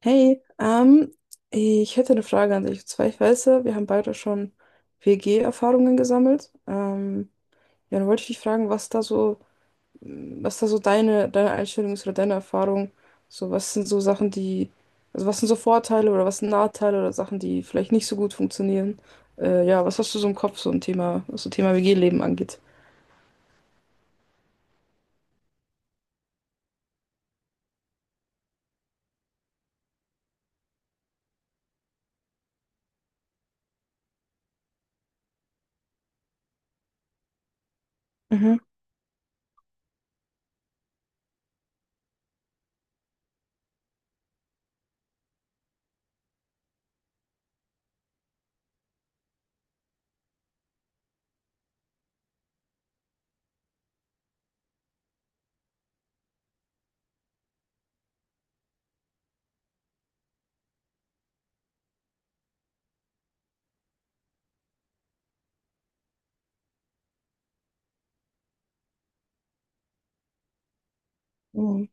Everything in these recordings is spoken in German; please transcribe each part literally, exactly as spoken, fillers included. Hey, ähm, ich hätte eine Frage an dich. Und zwar, ich weiß ja, wir haben beide schon W G-Erfahrungen gesammelt. Ähm, ja, dann wollte ich dich fragen, was da so, mm, was da so deine, deine Einstellung ist oder deine Erfahrung. So, was sind so Sachen, die, also was sind so Vorteile oder was sind Nachteile oder Sachen, die vielleicht nicht so gut funktionieren? Äh, ja, was hast du so im Kopf, so ein Thema, was so Thema W G-Leben angeht? Mhm. Mhm.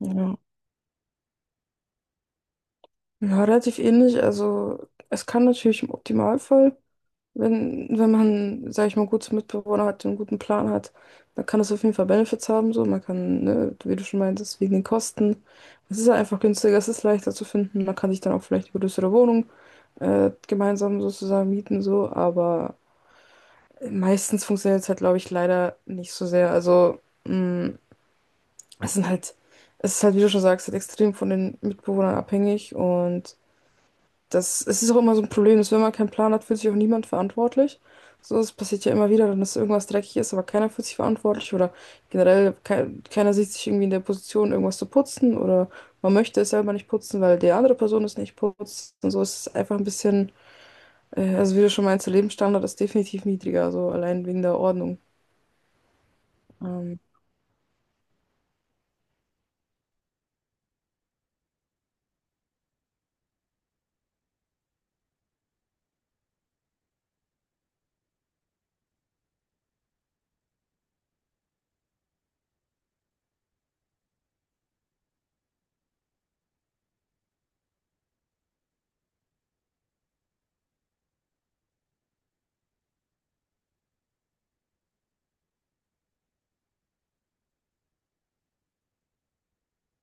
Ja. Ja, relativ ähnlich. Also es kann natürlich im Optimalfall. Wenn, wenn man, sag ich mal, gute Mitbewohner hat, einen guten Plan hat, dann kann das auf jeden Fall Benefits haben. So, man kann, ne, wie du schon meintest, wegen den Kosten. Es ist halt einfach günstiger, es ist leichter zu finden. Man kann sich dann auch vielleicht eine größere Wohnung äh, gemeinsam sozusagen mieten, so. Aber meistens funktioniert es halt, glaube ich, leider nicht so sehr. Also, mh, es sind halt, es ist halt, wie du schon sagst, halt extrem von den Mitbewohnern abhängig und das, es ist auch immer so ein Problem, dass wenn man keinen Plan hat, fühlt sich auch niemand verantwortlich. So, das passiert ja immer wieder, dann dass irgendwas dreckig ist, aber keiner fühlt sich verantwortlich oder generell ke keiner sieht sich irgendwie in der Position, irgendwas zu putzen oder man möchte es selber nicht putzen, weil die andere Person es nicht putzt. Und so ist es einfach ein bisschen, äh, also wie du schon meinst, der Lebensstandard ist definitiv niedriger, so allein wegen der Ordnung. Ähm,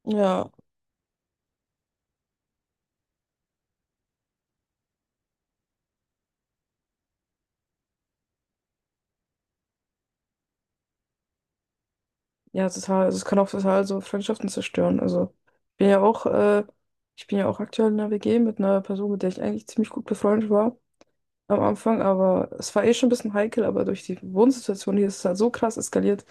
ja. Ja, total. Also es kann auch total so Freundschaften zerstören. Also ich bin ja auch, äh, ich bin ja auch aktuell in einer W G mit einer Person, mit der ich eigentlich ziemlich gut befreundet war am Anfang, aber es war eh schon ein bisschen heikel, aber durch die Wohnsituation hier ist es halt so krass eskaliert,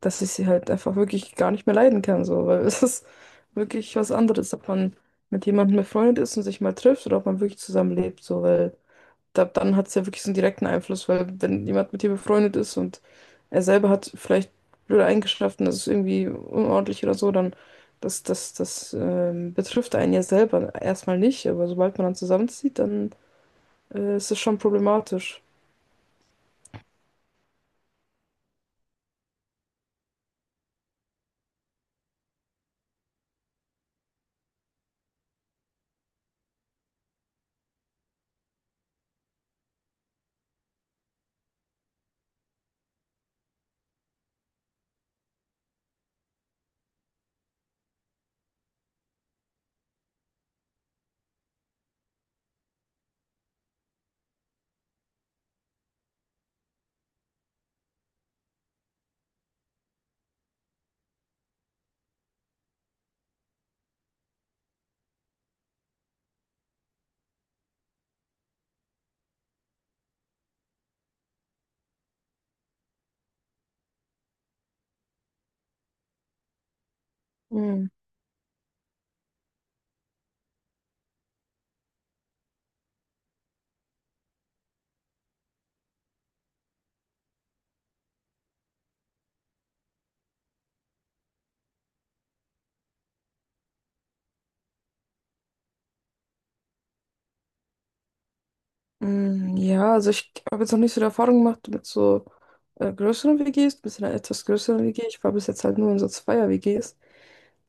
dass ich sie halt einfach wirklich gar nicht mehr leiden kann, so, weil es ist wirklich was anderes, ob man mit jemandem befreundet ist und sich mal trifft oder ob man wirklich zusammenlebt, so, weil da, dann hat es ja wirklich so einen direkten Einfluss, weil wenn jemand mit dir befreundet ist und er selber hat vielleicht blöde Eigenschaften, das ist irgendwie unordentlich oder so, dann das, das, das ähm, betrifft einen ja selber erstmal nicht, aber sobald man dann zusammenzieht, dann äh, ist es schon problematisch. Hm. Hm, ja, also ich habe jetzt noch nicht so die Erfahrung gemacht mit so äh, größeren W Gs, mit so einer etwas größeren W G. Ich war bis jetzt halt nur in so Zweier-W Gs.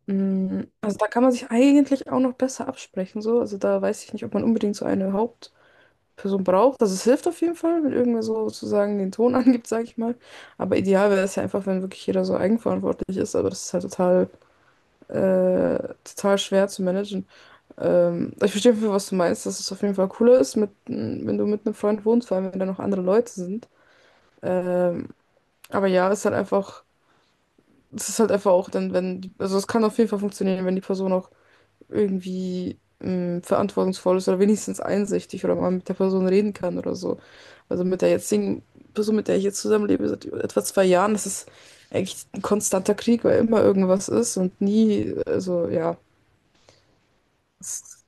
Mm. Also da kann man sich eigentlich auch noch besser absprechen, so. Also da weiß ich nicht, ob man unbedingt so eine Hauptperson braucht. Also es hilft auf jeden Fall, wenn irgendwer so sozusagen den Ton angibt, sage ich mal. Aber ideal wäre es ja einfach, wenn wirklich jeder so eigenverantwortlich ist. Aber das ist halt total, äh, total schwer zu managen. Ähm, ich verstehe auf jeden Fall, was du meinst, dass es auf jeden Fall cooler ist, mit, mm, wenn du mit einem Freund wohnst, vor allem wenn da noch andere Leute sind. Ähm, aber ja, es ist halt einfach, es ist halt einfach auch dann, wenn, also es kann auf jeden Fall funktionieren, wenn die Person auch irgendwie mh, verantwortungsvoll ist oder wenigstens einsichtig oder man mit der Person reden kann oder so. Also mit der jetzigen Person, mit der ich jetzt zusammenlebe, seit etwa zwei Jahren, das ist eigentlich ein konstanter Krieg, weil immer irgendwas ist und nie, also ja. Das,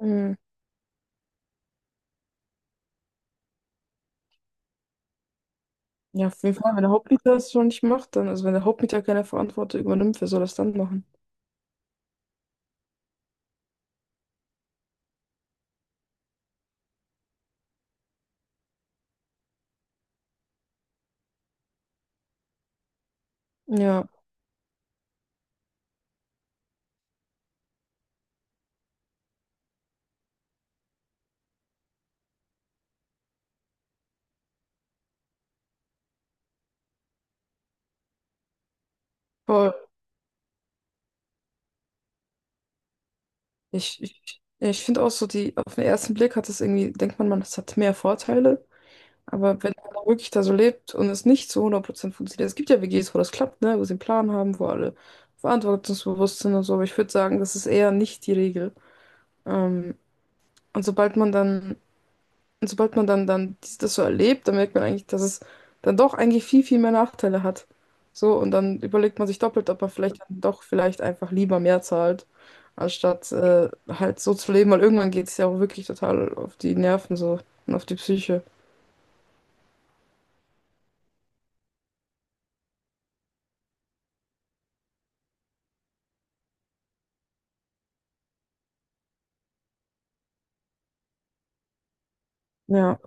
mh, ja, auf jeden Fall, wenn der Hauptmieter das schon nicht macht, dann, also wenn der Hauptmieter keine Verantwortung übernimmt, wer soll das dann machen? Ja, voll. Ich, ich, ich finde auch so, die, auf den ersten Blick hat es irgendwie, denkt man, man, das hat mehr Vorteile. Aber wenn einer wirklich da so lebt und es nicht zu hundert Prozent funktioniert, es gibt ja W Gs, wo das klappt, ne, wo sie einen Plan haben, wo alle verantwortungsbewusst sind und so, aber ich würde sagen, das ist eher nicht die Regel. Ähm, und sobald man dann, und sobald man dann, dann dies- das so erlebt, dann merkt man eigentlich, dass es dann doch eigentlich viel, viel mehr Nachteile hat. So, und dann überlegt man sich doppelt, ob man vielleicht dann doch vielleicht einfach lieber mehr zahlt, anstatt äh, halt so zu leben, weil irgendwann geht es ja auch wirklich total auf die Nerven so und auf die Psyche. Ja.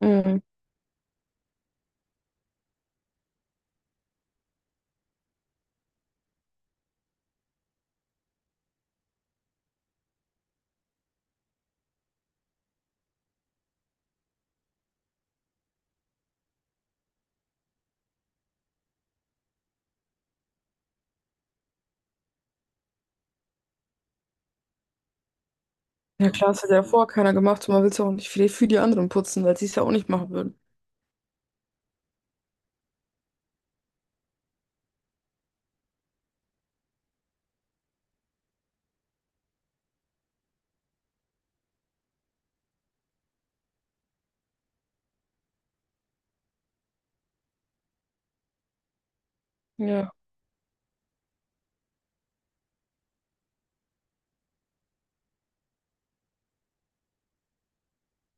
Mhm. Ja klar, das hat ja vorher keiner gemacht und man will es auch nicht für die, für die anderen putzen, weil sie es ja auch nicht machen würden. Ja.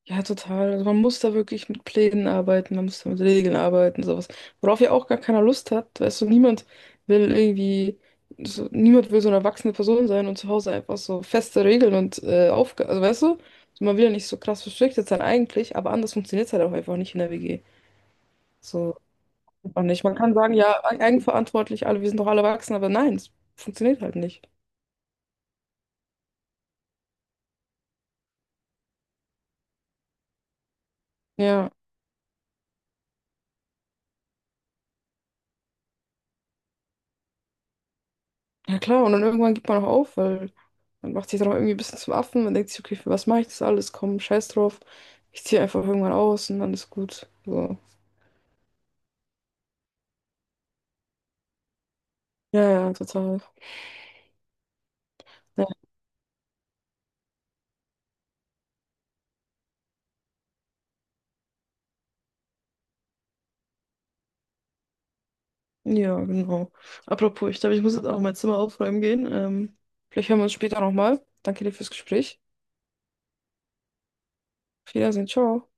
Ja, total. Also man muss da wirklich mit Plänen arbeiten, man muss da mit Regeln arbeiten, sowas. Worauf ja auch gar keiner Lust hat, weißt du, niemand will irgendwie, so, niemand will so eine erwachsene Person sein und zu Hause einfach so feste Regeln und äh, Aufgaben, also weißt du, so, man will ja nicht so krass verstriktet sein eigentlich, aber anders funktioniert es halt auch einfach nicht in der W G. So, auch nicht. Man kann sagen, ja, eigenverantwortlich, alle, wir sind doch alle erwachsen, aber nein, es funktioniert halt nicht. Ja. Ja klar, und dann irgendwann gibt man auch auf, weil man macht sich dann auch irgendwie ein bisschen zum Affen. Man denkt sich, okay, für was mache ich das alles? Komm, scheiß drauf. Ich ziehe einfach irgendwann aus und dann ist gut. So. Ja, ja, total. Ja, ja, genau. Apropos, ich glaube, ich muss jetzt auch mein Zimmer aufräumen gehen. Ähm, vielleicht hören wir uns später nochmal. Danke dir fürs Gespräch. Auf Wiedersehen, ciao.